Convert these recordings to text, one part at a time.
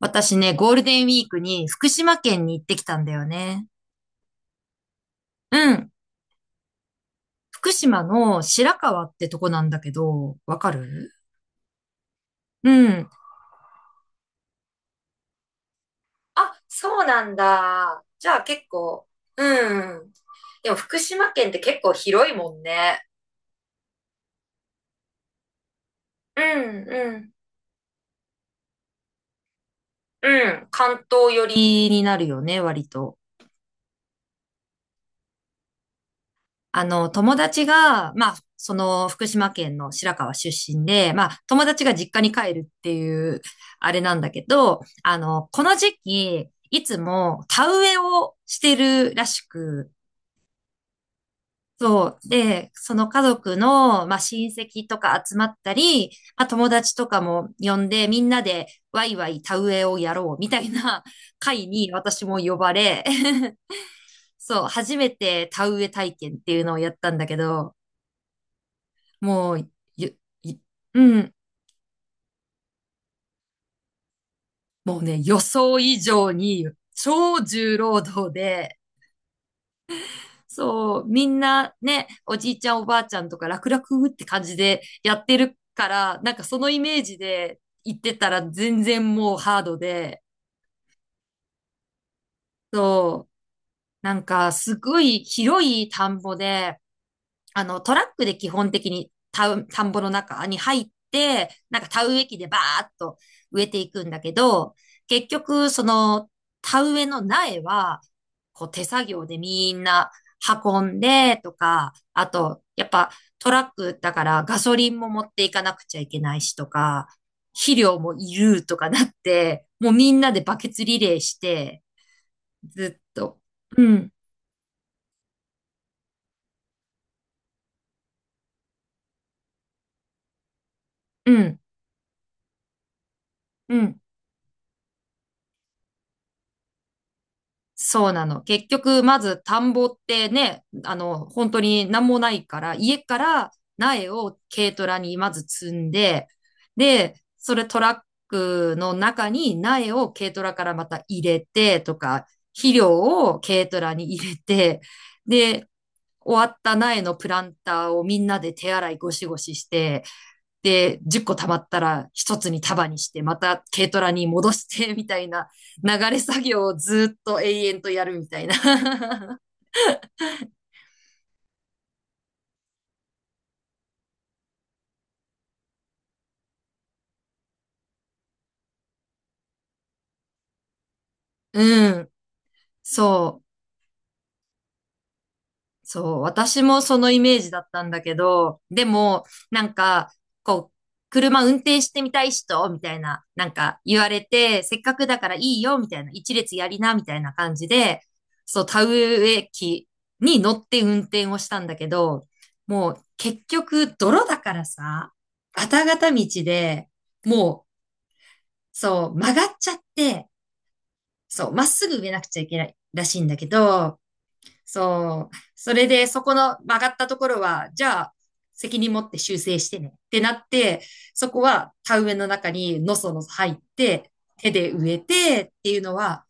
私ね、ゴールデンウィークに福島県に行ってきたんだよね。うん。福島の白川ってとこなんだけど、わかる？うん。あ、そうなんだ。じゃあ結構、うん。でも福島県って結構広いもんね。うん、うん。うん。関東寄りになるよね、割と。あの、友達が、まあ、その福島県の白河出身で、まあ、友達が実家に帰るっていう、あれなんだけど、あの、この時期、いつも田植えをしてるらしく、そう。で、その家族の、まあ、親戚とか集まったり、まあ、友達とかも呼んで、みんなでワイワイ田植えをやろうみたいな会に私も呼ばれ、そう、初めて田植え体験っていうのをやったんだけど、もう、ゆ、いうん、もうね、予想以上に超重労働で、そう、みんなね、おじいちゃんおばあちゃんとか楽々って感じでやってるから、なんかそのイメージで行ってたら全然もうハードで、そう、なんかすごい広い田んぼで、あの、トラックで基本的に田んぼの中に入って、なんか田植え機でバーっと植えていくんだけど、結局、その田植えの苗は、こう手作業でみんな運んでとか、あと、やっぱトラックだからガソリンも持っていかなくちゃいけないしとか、肥料もいるとかなって、もうみんなでバケツリレーして、ずっと。うん、うん、うん。そうなの。結局、まず田んぼってね、あの、本当に何もないから、家から苗を軽トラにまず積んで、で、それトラックの中に苗を軽トラからまた入れてとか、肥料を軽トラに入れて、で、終わった苗のプランターをみんなで手洗いゴシゴシして、で、10個溜まったら一つに束にして、また軽トラに戻して、みたいな流れ作業をずっと永遠とやるみたいな。うん。そう。そう、私もそのイメージだったんだけど、でも、なんか、こう、車運転してみたい人、みたいな、なんか言われて、せっかくだからいいよ、みたいな、一列やりな、みたいな感じで、そう、田植え機に乗って運転をしたんだけど、もう結局、泥だからさ、ガタガタ道で、もう、そう、曲がっちゃって、そう、まっすぐ植えなくちゃいけないらしいんだけど、そう。それで、そこの曲がったところは、じゃあ、責任持って修正してねってなって、そこは田植えの中にのそのそ入って、手で植えてっていうのは、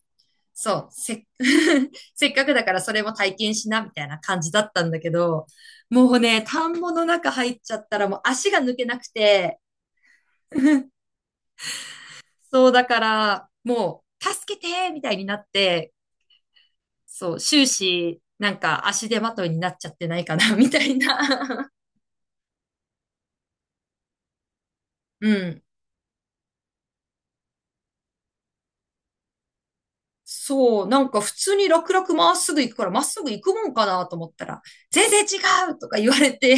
そう、せっかくだからそれも体験しなみたいな感じだったんだけど、もうね、田んぼの中入っちゃったらもう足が抜けなくて、そうだから、もう、助けてみたいになって、そう、終始、なんか足手まといになっちゃってないかな、みたいな。うん。そう、なんか普通に楽々まっすぐ行くから、まっすぐ行くもんかなと思ったら、全然違うとか言われて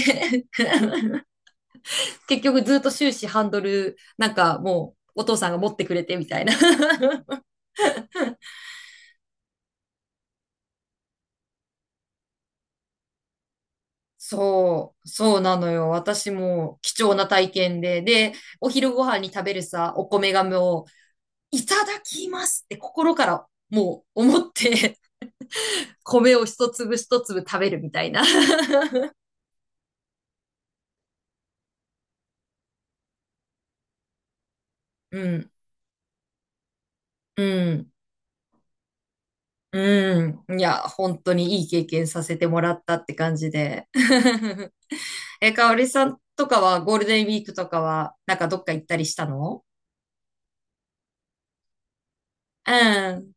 結局ずっと終始ハンドル、なんかもうお父さんが持ってくれてみたいな。 そう、そうなのよ。私も貴重な体験で、で、お昼ご飯に食べるさ、お米がもう、いただきますって心からもう思って米を一粒一粒食べるみたいな。うん、うん、うん。いや、本当にいい経験させてもらったって感じで。え、かおりさんとかはゴールデンウィークとかは、なんかどっか行ったりしたの？うん。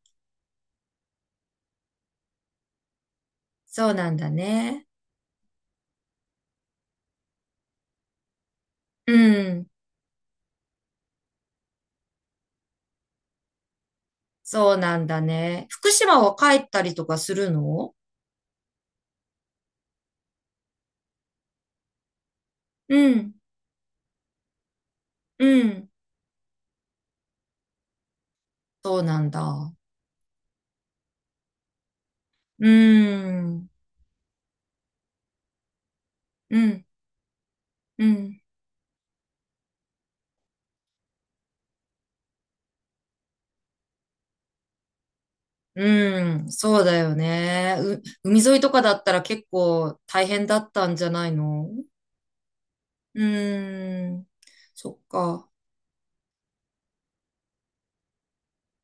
そうなんだね。うん。そうなんだね。福島は帰ったりとかするの？うん。うん。そうなんだ。うん。うん。うん。うん、そうだよね。海沿いとかだったら結構大変だったんじゃないの？うん、そっか。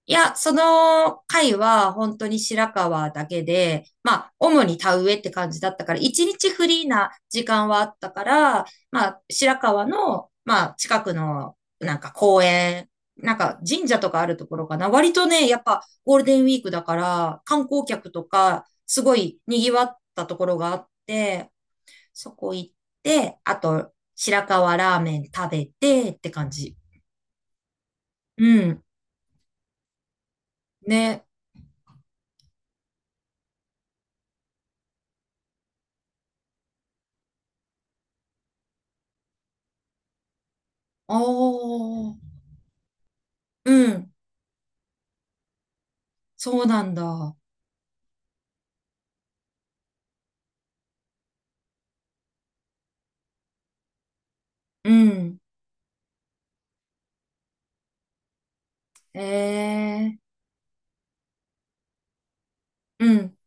いや、その回は本当に白川だけで、まあ、主に田植えって感じだったから、一日フリーな時間はあったから、まあ、白川の、まあ、近くの、なんか公園、なんか神社とかあるところかな。割とね、やっぱゴールデンウィークだから、観光客とか、すごい賑わったところがあって、そこ行って、あと、白川ラーメン食べてって感じ。うん。ね。ああ。うん。そうなんだ。うん。ええ、うん。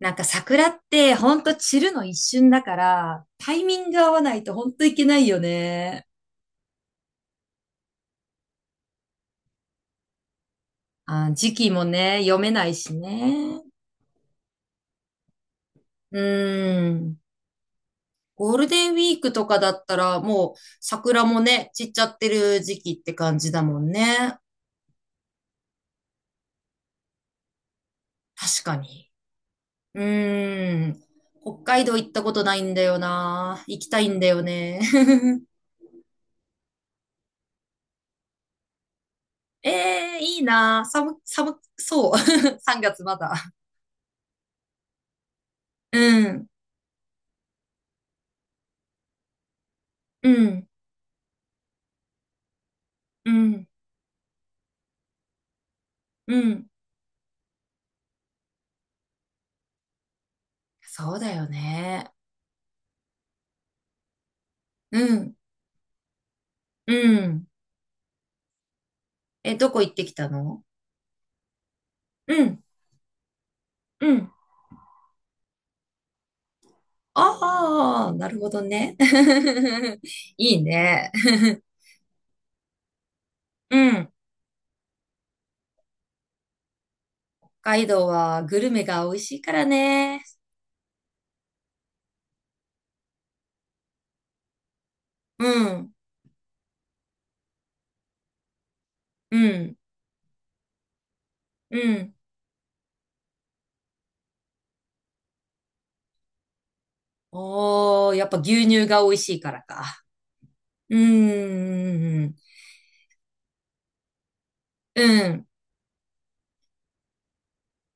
なんか桜ってほんと散るの一瞬だから、タイミング合わないとほんといけないよね。あ、時期もね、読めないしね。うん。ゴールデンウィークとかだったらもう桜もね、散っちゃってる時期って感じだもんね。確かに。うーん。北海道行ったことないんだよな。行きたいんだよね。ええー、いいな。寒そう。3月まだ。うん、うん、うん、うん。そうだよね。うん、うん。え、どこ行ってきたの？うん、うん。ああ、なるほどね。いいね。うん。北海道はグルメが美味しいからね。うん、うん、うん。おー、やっぱ牛乳が美味しいからか。うん、うん、うん。うん。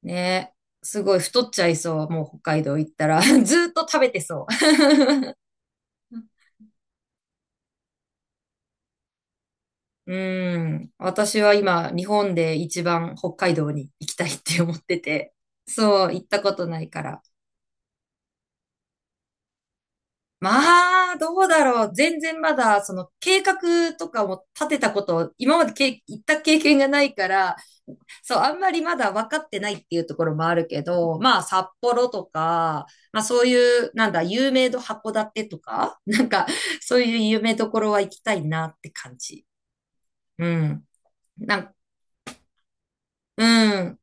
ね、すごい太っちゃいそう。もう北海道行ったら。 ずーっと食べてそう。うん。私は今、日本で一番北海道に行きたいって思ってて。そう、行ったことないから。まあ、どうだろう。全然まだ、その計画とかも立てたこと、今まで行った経験がないから、そう、あんまりまだ分かってないっていうところもあるけど、まあ、札幌とか、まあ、そういう、なんだ、有名度函館とか、なんか、そういう有名どころは行きたいなって感じ。うん。なん、うん。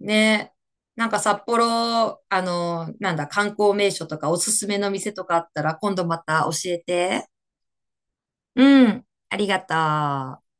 ね。なんか札幌、あの、なんだ、観光名所とかおすすめの店とかあったら、今度また教えて。うん。ありがとう。